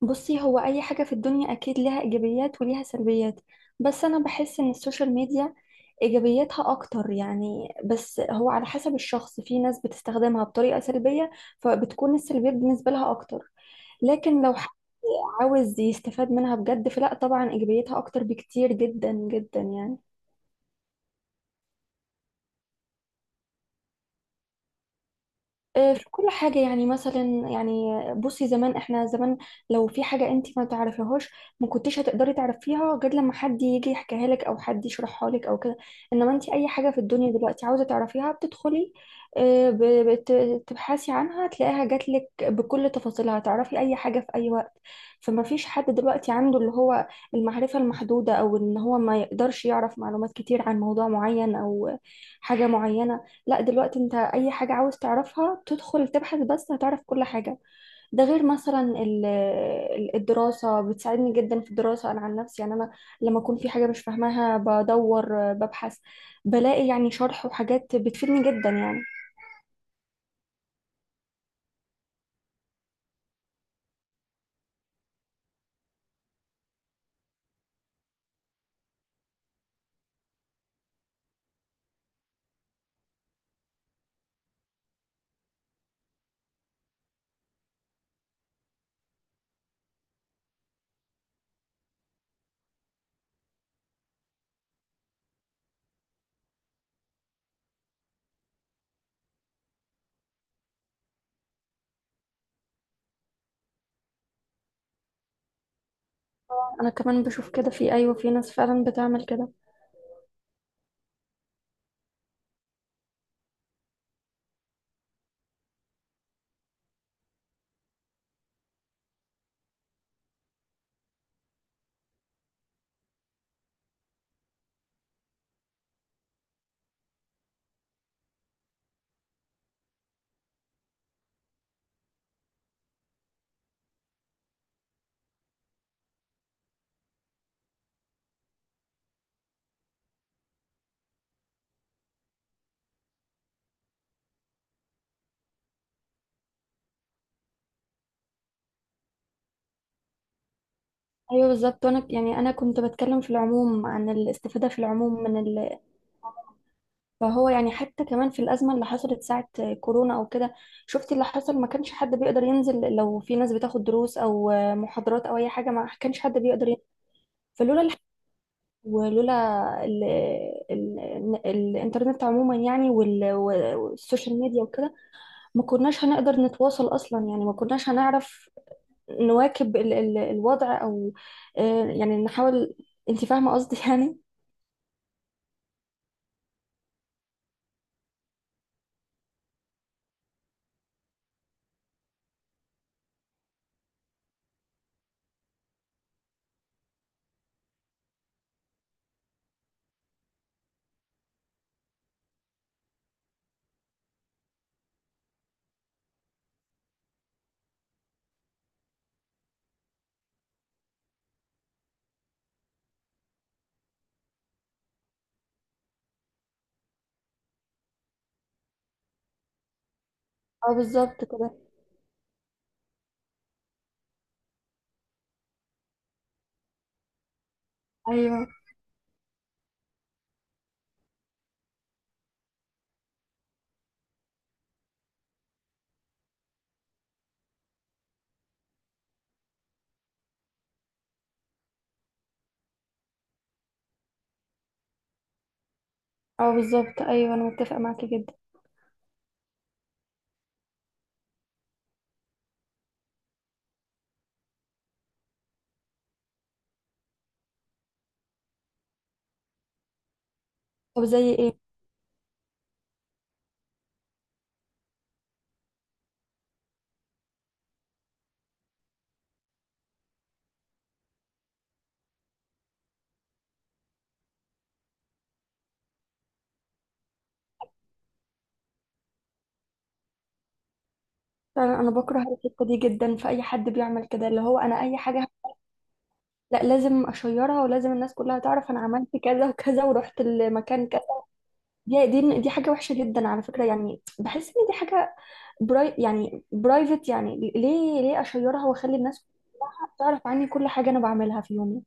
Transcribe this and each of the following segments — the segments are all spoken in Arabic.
بصي، هو أي حاجة في الدنيا أكيد لها إيجابيات وليها سلبيات. بس أنا بحس إن السوشيال ميديا إيجابياتها أكتر يعني. بس هو على حسب الشخص، في ناس بتستخدمها بطريقة سلبية فبتكون السلبيات بالنسبة لها أكتر. لكن لو حد عاوز يستفاد منها بجد فلا، طبعا إيجابياتها أكتر بكتير جدا جدا يعني. في كل حاجة يعني، مثلا يعني، بصي، زمان احنا لو في حاجة انت ما تعرفيهاش ما كنتش هتقدري تعرفيها غير لما حد يجي يحكيها لك او حد يشرحها لك او كده. انما انت اي حاجة في الدنيا دلوقتي عاوزة تعرفيها بتدخلي، آه، ب- بتبحثي عنها تلاقيها جات لك بكل تفاصيلها، تعرفي اي حاجة في اي وقت. فما فيش حد دلوقتي عنده اللي هو المعرفة المحدودة، او ان هو ما يقدرش يعرف معلومات كتير عن موضوع معين او حاجة معينة. لا، دلوقتي انت اي حاجة عاوز تعرفها تدخل تبحث بس هتعرف كل حاجة. ده غير مثلا الدراسة. بتساعدني جدا في الدراسة انا عن نفسي يعني. انا لما اكون في حاجة مش فاهماها بدور، ببحث، بلاقي يعني شرح وحاجات بتفيدني جدا يعني. انا كمان بشوف كده. في، ايوه، في ناس فعلا بتعمل كده. ايوه بالظبط. وانا يعني، انا كنت بتكلم في العموم عن الاستفادة في العموم من فهو يعني. حتى كمان في الأزمة اللي حصلت ساعة كورونا أو كده، شفتي اللي حصل؟ ما كانش حد بيقدر ينزل. لو في ناس بتاخد دروس أو محاضرات أو أي حاجة، ما كانش حد بيقدر ينزل. فلولا الح... ولولا ال... ال... الإنترنت عموما يعني، وال... والسوشيال ميديا وكده، ما كناش هنقدر نتواصل أصلا يعني. ما كناش هنعرف نواكب الوضع، أو يعني نحاول. أنت فاهمة قصدي يعني. اه بالظبط كده. ايوه. اه بالظبط. ايوه انا متفقة معاكي جدا. طب زي ايه؟ فعلا انا بكره الحته دي جدا في اي حد بيعمل كده، اللي هو: انا اي حاجه لا لازم اشيرها، ولازم الناس كلها تعرف انا عملت كذا وكذا ورحت المكان كذا. دي حاجه وحشه جدا على فكره يعني. بحس ان دي حاجه براي، يعني برايفت. يعني ليه؟ ليه اشيرها واخلي الناس كلها تعرف عني كل حاجه انا بعملها في يومي؟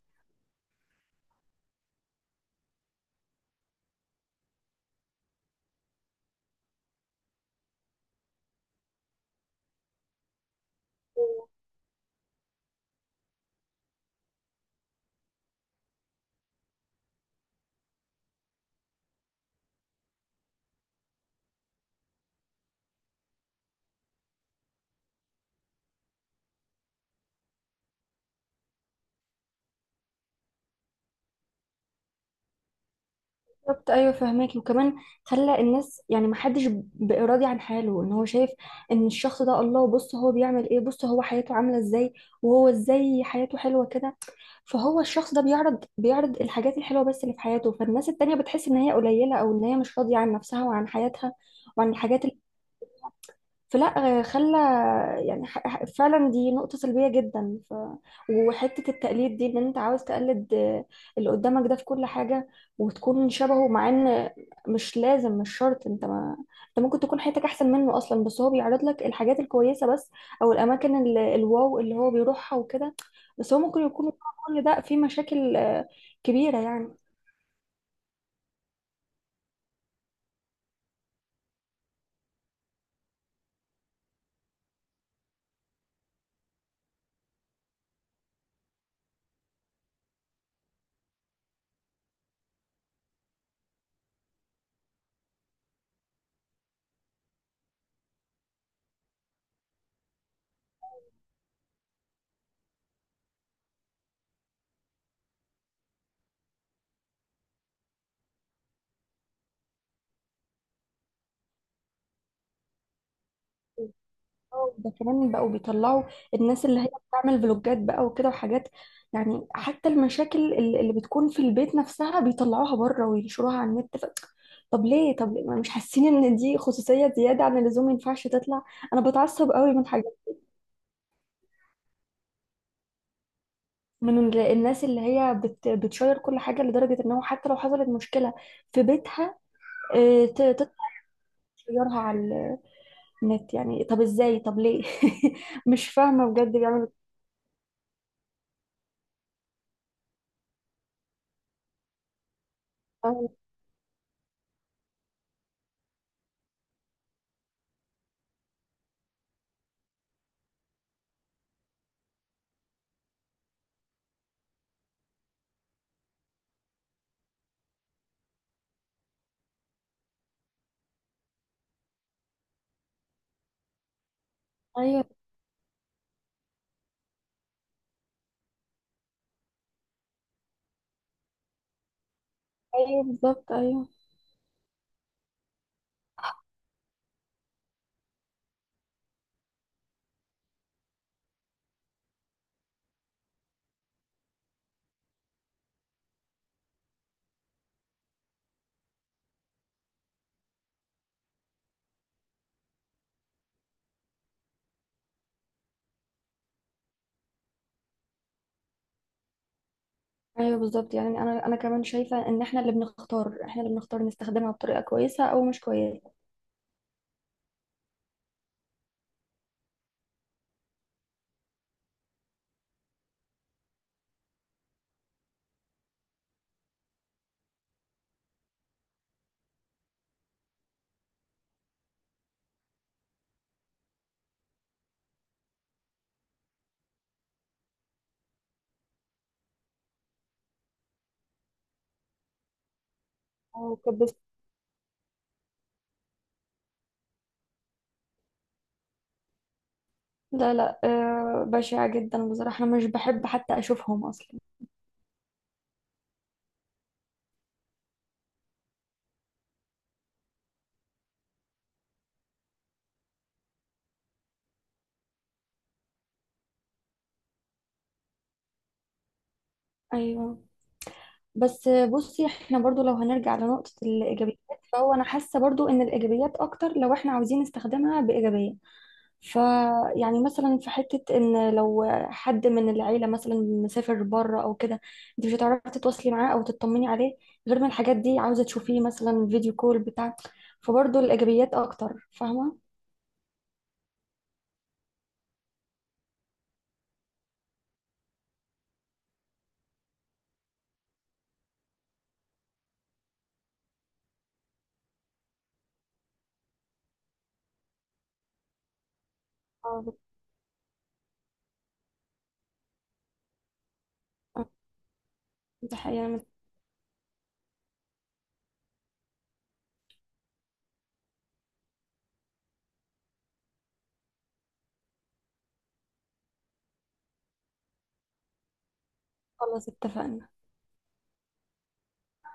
بالظبط. ايوه فهماك. وكمان خلى الناس، يعني، ما حدش بقى راضي عن حاله. ان هو شايف ان الشخص ده، الله، بص هو بيعمل ايه، بص هو حياته عامله ازاي، وهو ازاي حياته حلوه كده. فهو الشخص ده بيعرض الحاجات الحلوه بس اللي في حياته، فالناس التانية بتحس ان هي قليله، او ان هي مش راضيه عن نفسها وعن حياتها وعن الحاجات. فلا، آه، خلى يعني ح- ح- فعلا دي نقطة سلبية جدا وحتة التقليد دي، ان انت عاوز تقلد اللي قدامك ده في كل حاجة وتكون شبهه، مع ان مش لازم، مش شرط. انت ما... انت ممكن تكون حياتك احسن منه اصلا، بس هو بيعرض لك الحاجات الكويسة بس، او الاماكن ال... الواو اللي هو بيروحها وكده. بس هو ممكن يكون ورا كل ده في مشاكل كبيرة يعني. اه ده كمان، بقوا بيطلعوا الناس اللي هي بتعمل فلوجات بقى وكده وحاجات. يعني حتى المشاكل اللي بتكون في البيت نفسها بيطلعوها بره وينشروها على النت طب ليه؟ طب ليه؟ ما مش حاسين ان دي خصوصية زيادة عن اللزوم؟ ما ينفعش تطلع. انا بتعصب قوي من حاجات، من الناس اللي هي بتشير كل حاجة، لدرجة ان هو حتى لو حصلت مشكلة في بيتها، تطلع تشيرها على النت. يعني طب ازاي؟ طب ليه؟ مش فاهمة بجد بيعملوا ايوه. ايوه بالظبط. ايوه. ايوه بالظبط. يعني انا، انا كمان شايفه ان احنا اللي بنختار، احنا اللي بنختار نستخدمها بطريقه كويسه او مش كويسه. اه طب بس. لا لا، بشعة جدا بصراحه. انا مش بحب حتى اشوفهم اصلا. ايوه. بس بصي، احنا برضو لو هنرجع لنقطه الايجابيات، فهو انا حاسه برضو ان الايجابيات اكتر لو احنا عاوزين نستخدمها بايجابيه. فيعني مثلا في حتة ان لو حد من العيلة مثلا مسافر بره او كده، انت مش هتعرفي تتواصلي معاه او تطمني عليه غير ما الحاجات دي، عاوزة تشوفيه مثلا فيديو كول بتاع. فبرضه الايجابيات اكتر، فاهمة. اه ده حقيقة. خلاص اتفقنا.